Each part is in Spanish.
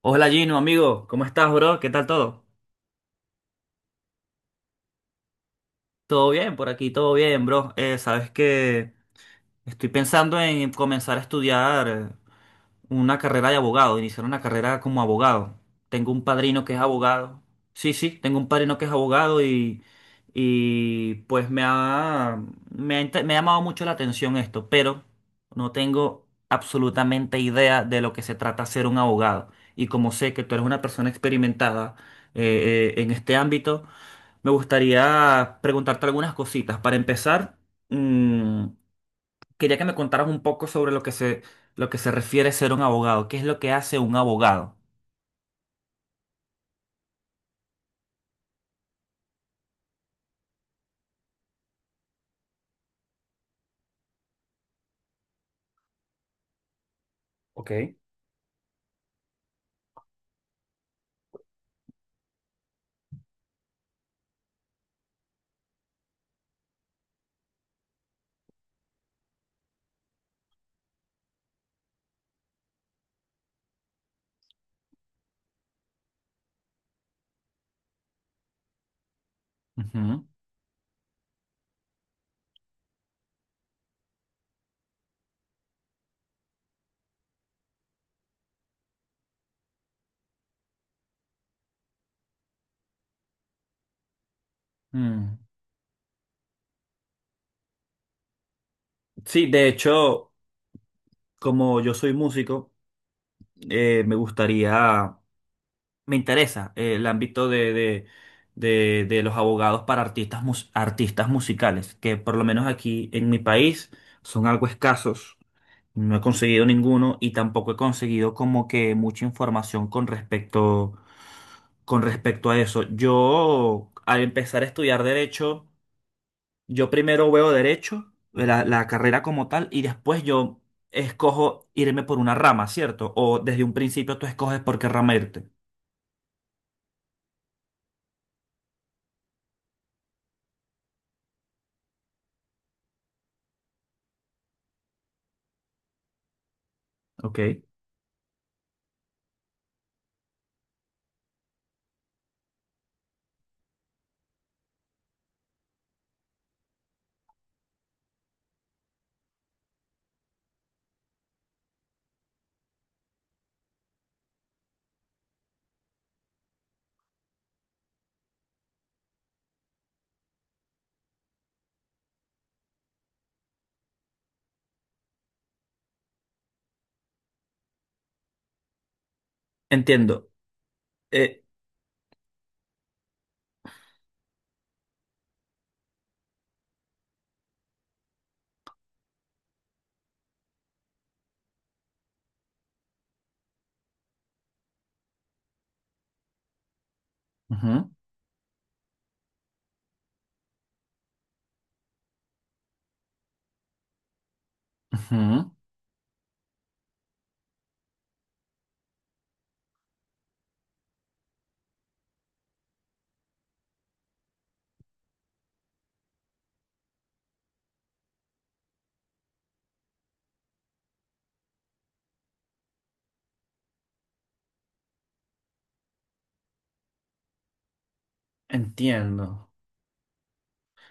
Hola Gino, amigo, ¿cómo estás, bro? ¿Qué tal todo? Todo bien, por aquí, todo bien, bro. Sabes que estoy pensando en comenzar a estudiar una carrera de abogado, iniciar una carrera como abogado. Tengo un padrino que es abogado. Sí, sí, tengo un padrino que es abogado y pues me ha llamado mucho la atención esto, pero no tengo absolutamente idea de lo que se trata ser un abogado. Y como sé que tú eres una persona experimentada en este ámbito, me gustaría preguntarte algunas cositas. Para empezar, mm, quería que me contaras un poco sobre lo que se refiere a ser un abogado. ¿Qué es lo que hace un abogado? Ok. Ujú. Mm. Sí, de hecho, como yo soy músico, me gustaría, me interesa el ámbito de los abogados para artistas, artistas musicales, que por lo menos aquí en mi país son algo escasos. No he conseguido ninguno y tampoco he conseguido como que mucha información con respecto a eso. Yo, al empezar a estudiar derecho, yo primero veo derecho, la carrera como tal, y después yo escojo irme por una rama, ¿cierto? O desde un principio tú escoges por qué rama irte. Ok. Entiendo. Eh, Ujú, ujú, entiendo.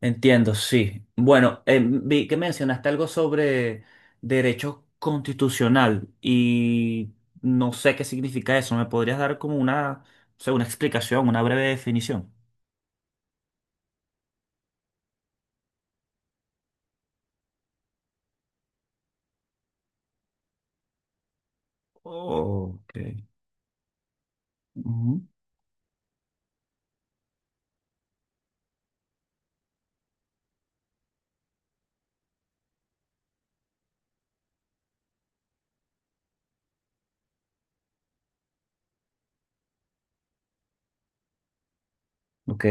Entiendo, sí. Bueno, vi que mencionaste algo sobre derecho constitucional y no sé qué significa eso. ¿Me podrías dar como una, o sea, una explicación, una breve definición? Ok. Ujú, ok.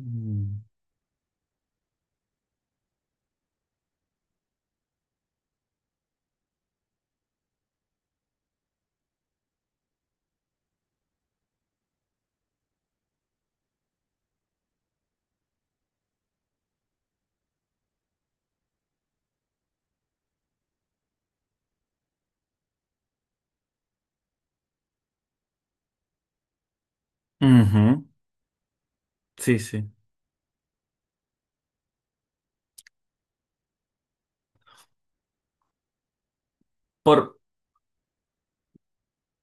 Mm. Ujú, sí, sí. Por,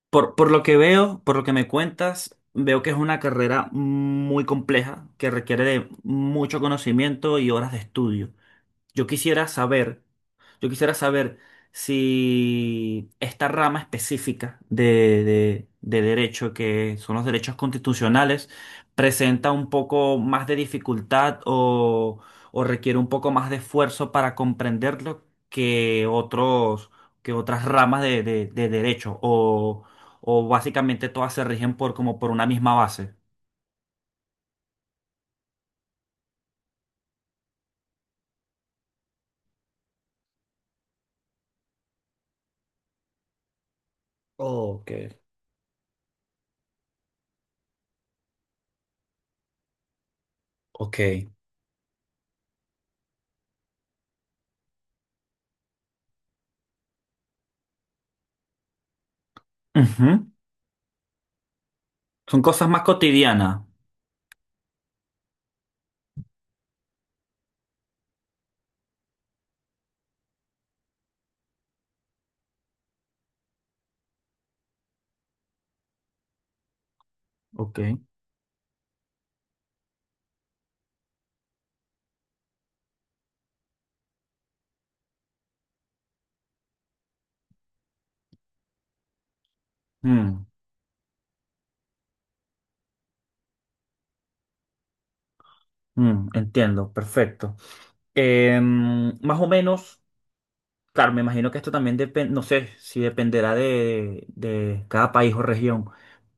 por lo que veo, por lo que me cuentas, veo que es una carrera muy compleja que requiere de mucho conocimiento y horas de estudio. Yo quisiera saber, yo quisiera saber si esta rama específica de derecho, que son los derechos constitucionales, presenta un poco más de dificultad o requiere un poco más de esfuerzo para comprenderlo que otros, que otras ramas de derecho, o básicamente todas se rigen por como por una misma base. Oh, ok. Ok. Ujú. Son cosas más cotidianas. Ok. Mm. Mm, entiendo, perfecto. Em, Más o menos, claro, me imagino que esto también depende, no sé si dependerá de cada país o región,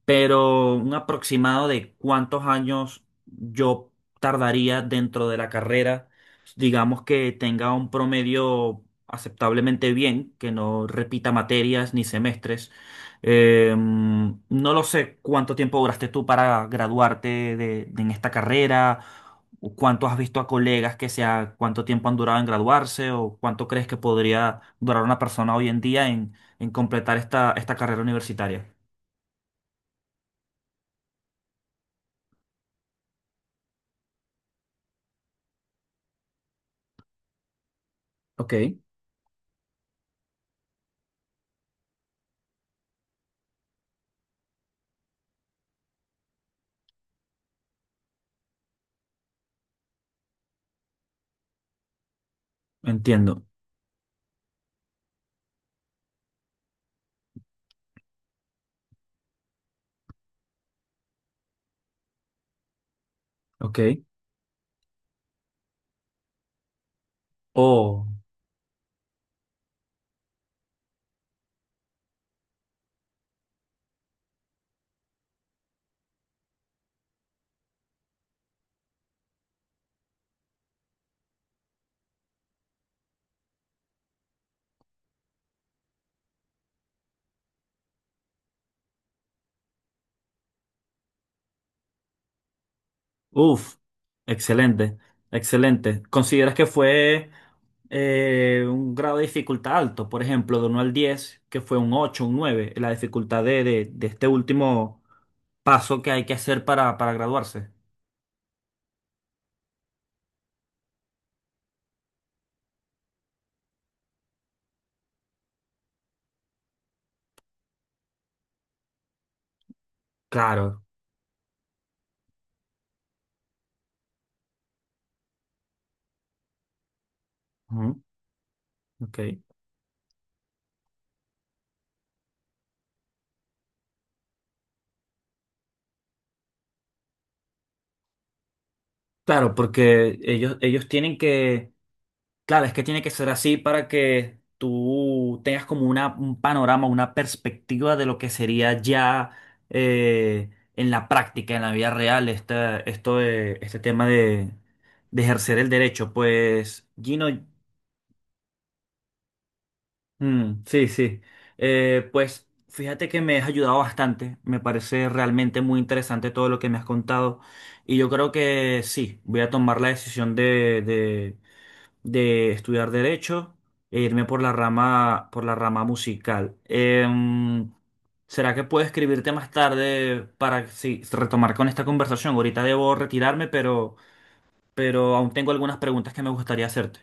pero un aproximado de cuántos años yo tardaría dentro de la carrera, digamos que tenga un promedio aceptablemente bien, que no repita materias ni semestres. No lo sé cuánto tiempo duraste tú para graduarte en esta carrera, o cuánto has visto a colegas que sea, cuánto tiempo han durado en graduarse, o cuánto crees que podría durar una persona hoy en día en completar esta carrera universitaria. Ok. Entiendo. Ok. Oh, uff. Excelente. Excelente. ¿Consideras que fue un grado de dificultad alto? Por ejemplo, ¿de 1 al 10, que fue un 8, un 9? La dificultad de este último paso que hay que hacer para graduarse. Claro. Ujú, ok. Claro, porque ellos tienen que... Claro, es que tiene que ser así para que tú tengas como una, un panorama, una perspectiva de lo que sería ya eh, en la práctica, en la vida real, esto de, este tema de ejercer el derecho. Pues, Gino, mm, sí, sí. Pues fíjate que me has ayudado bastante. Me parece realmente muy interesante todo lo que me has contado. Y yo creo que sí, voy a tomar la decisión de estudiar derecho e irme por la rama, musical. ¿Será que puedo escribirte más tarde para sí, retomar con esta conversación? Ahorita debo retirarme, pero aún tengo algunas preguntas que me gustaría hacerte.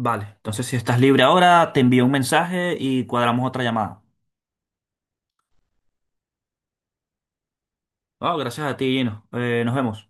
Vale, entonces si estás libre ahora, te envío un mensaje y cuadramos otra llamada. Ah, gracias a ti, Gino. Nos vemos.